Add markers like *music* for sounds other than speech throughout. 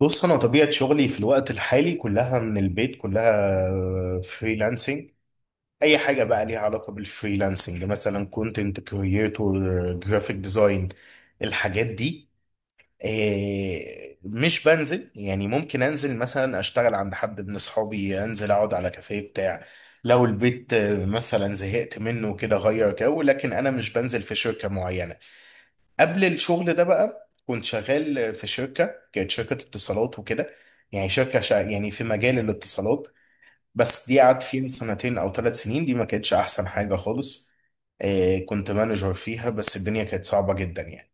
بص انا طبيعه شغلي في الوقت الحالي كلها من البيت، كلها فريلانسنج. اي حاجه بقى ليها علاقه بالفريلانسنج، مثلا كونتنت كرييتور، جرافيك ديزاين، الحاجات دي. مش بنزل، يعني ممكن انزل مثلا اشتغل عند حد من اصحابي، انزل اقعد على كافيه بتاع لو البيت مثلا زهقت منه كده، غير جو. لكن انا مش بنزل في شركه معينه. قبل الشغل ده بقى كنت شغال في شركة، كانت شركة اتصالات وكده. يعني شركة يعني في مجال الاتصالات. بس دي قعدت فيها سنتين أو 3 سنين، دي ما كانتش أحسن حاجة خالص. كنت مانجر فيها، بس الدنيا كانت صعبة جدا يعني.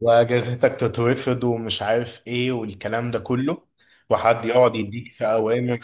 وأجازتك تترفض ومش عارف إيه والكلام ده كله. وحد يقعد يديك في أوامر.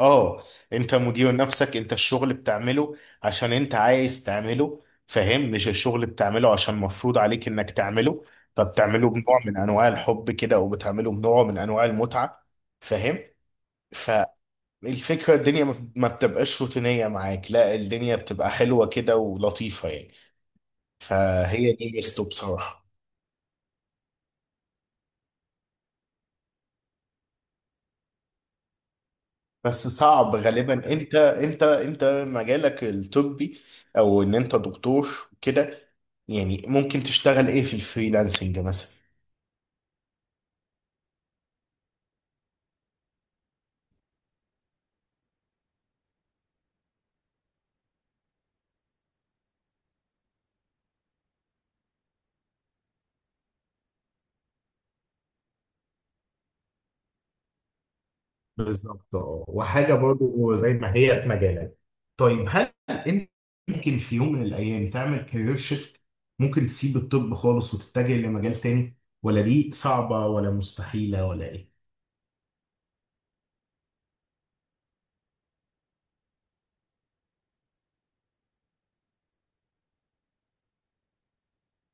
اه، انت مدير نفسك، انت الشغل بتعمله عشان انت عايز تعمله، فاهم؟ مش الشغل بتعمله عشان مفروض عليك انك تعمله. فبتعمله بنوع من انواع الحب كده، وبتعمله بنوع من انواع المتعة. فاهم. فالفكرة الدنيا ما بتبقاش روتينية معاك، لا الدنيا بتبقى حلوة كده ولطيفة يعني. فهي دي ميزته بصراحة. بس صعب غالبا، انت مجالك الطبي او ان انت دكتور كده. يعني ممكن تشتغل ايه في الفريلانسنج مثلا؟ بالظبط، اه، وحاجه برضو زي ما هي في مجالك. طيب، هل انت ممكن في يوم من الايام تعمل كارير شيفت؟ ممكن تسيب الطب خالص وتتجه لمجال تاني؟ ولا دي صعبة ولا مستحيلة ولا ايه؟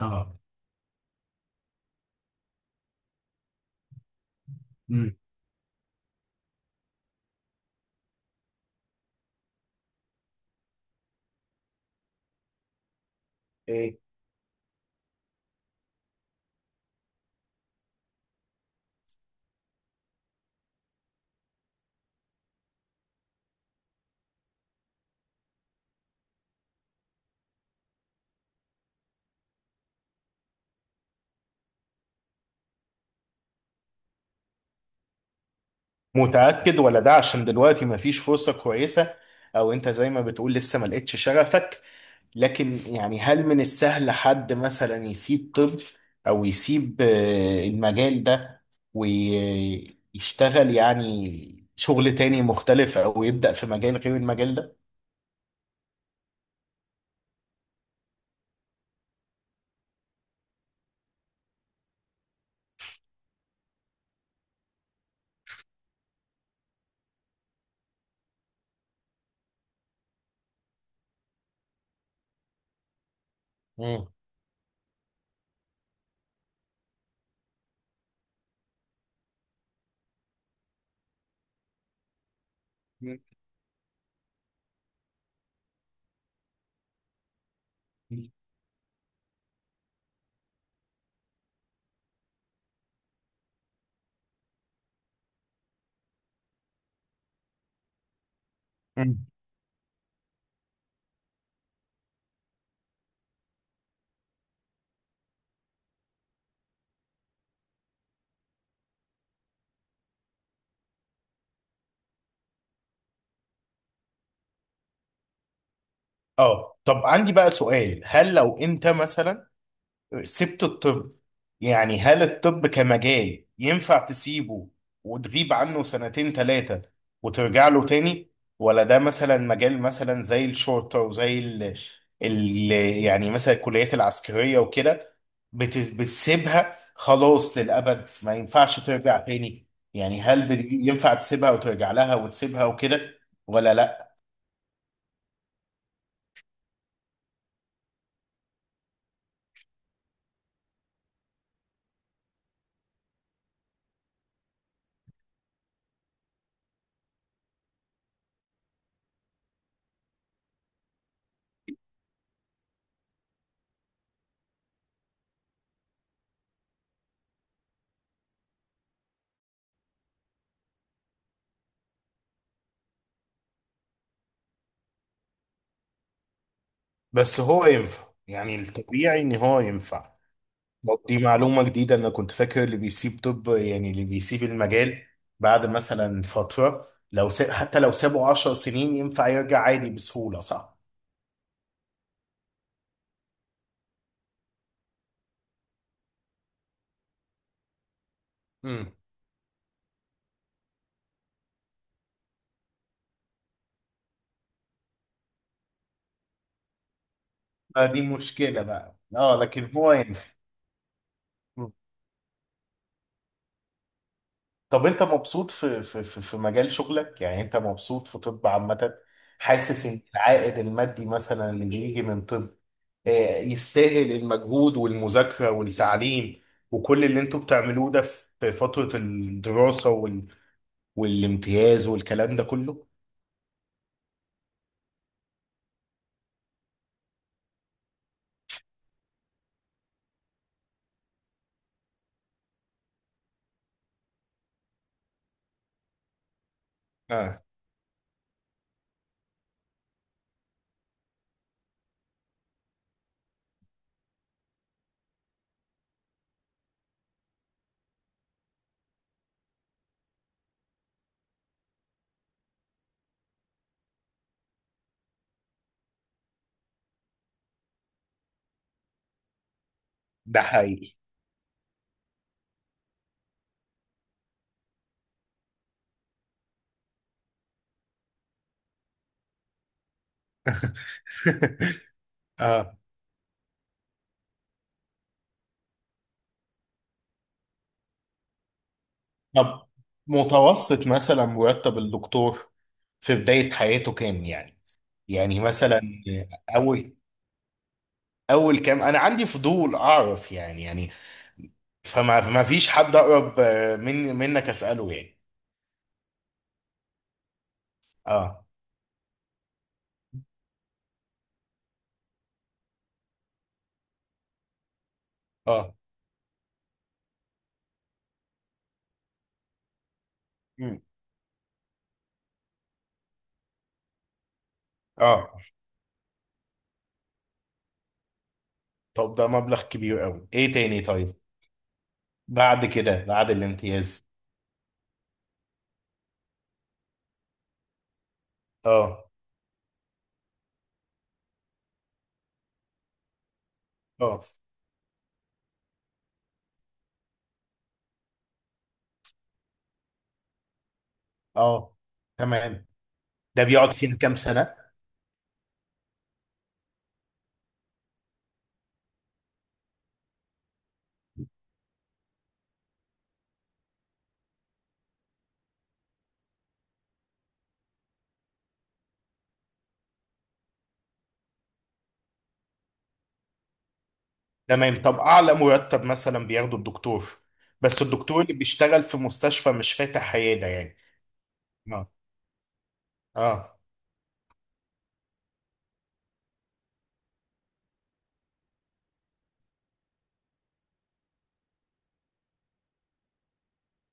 اه. مم. متأكد ولا ده عشان دلوقتي مفيش فرصة كويسة، او انت زي ما بتقول لسه ما لقيتش شغفك؟ لكن يعني هل من السهل حد مثلا يسيب طب او يسيب المجال ده ويشتغل يعني شغل تاني مختلف او يبدأ في مجال غير المجال ده؟ مم. مم. اه طب عندي بقى سؤال، هل لو انت مثلا سبت الطب، يعني هل الطب كمجال ينفع تسيبه وتغيب عنه سنتين ثلاثة وترجع له تاني؟ ولا ده مثلا مجال مثلا زي الشرطة وزي ال... يعني مثلا الكليات العسكرية وكده؟ بتسيبها خلاص للأبد، ما ينفعش ترجع تاني. يعني هل ينفع تسيبها وترجع لها وتسيبها وكده، ولا لا؟ بس هو ينفع، يعني الطبيعي ان هو ينفع. دي معلومة جديدة، أنا كنت فاكر اللي بيسيب طب، يعني اللي بيسيب المجال بعد مثلا فترة، لو ساب حتى لو سابه 10 سنين، ينفع يرجع عادي بسهولة، صح؟ امم. دي مشكلة بقى، اه لكن هو ينفع. مم. طب أنت مبسوط في مجال شغلك؟ يعني أنت مبسوط في طب عامة؟ حاسس إن العائد المادي مثلا اللي بيجي من طب آه، يستاهل المجهود والمذاكرة والتعليم وكل اللي أنتوا بتعملوه ده في فترة الدراسة والامتياز والكلام ده كله؟ اه ده حقيقي. *laughs* اه طب متوسط مثلا مرتب الدكتور في بداية حياته كام يعني؟ يعني مثلا اول اول كام، انا عندي فضول اعرف يعني فما ما فيش حد اقرب من منك اساله يعني. اه. اه. مم. اه طب ده مبلغ كبير قوي، ايه تاني؟ طيب بعد كده بعد الامتياز. اه. اه. اه تمام. ده بيقعد فيها كام سنة؟ تمام. طب أعلى مرتب مثلا بياخده الدكتور؟ بس الدكتور اللي بيشتغل في مستشفى مش فاتح عيادة يعني. اه. اه.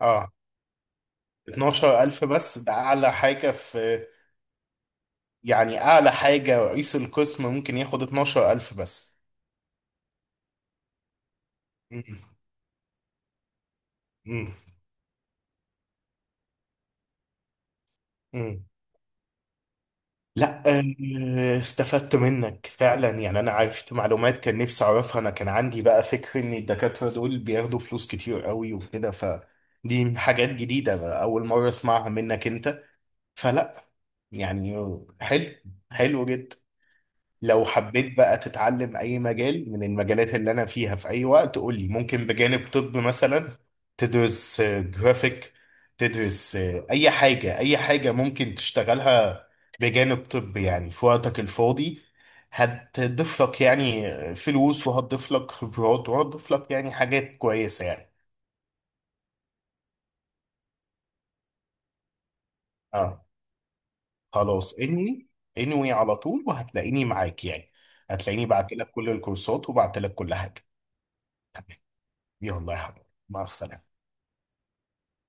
اه، 12,000 بس؟ ده أعلى حاجة في، يعني أعلى حاجة رئيس القسم ممكن ياخد 12,000 بس؟ مم. مم. مم. لا استفدت منك فعلا، يعني انا عرفت معلومات كان نفسي اعرفها. انا كان عندي بقى فكر ان الدكاترة دول بياخدوا فلوس كتير قوي وكده، فدي حاجات جديدة بقى، اول مرة اسمعها منك انت. فلا يعني، حلو، حلو جدا. لو حبيت بقى تتعلم اي مجال من المجالات اللي انا فيها في اي وقت قول لي، ممكن بجانب طب مثلا تدرس جرافيك، تدرس اي حاجة، اي حاجة ممكن تشتغلها بجانب طب يعني في وقتك الفاضي، هتضيف لك يعني فلوس، وهتضيف لك خبرات، وهتضيف لك يعني حاجات كويسة يعني. اه خلاص انوي، انوي على طول وهتلاقيني معاك يعني، هتلاقيني بعت لك كل الكورسات وبعت لك كل حاجة. تمام. يلا يا حبيبي، مع السلامة.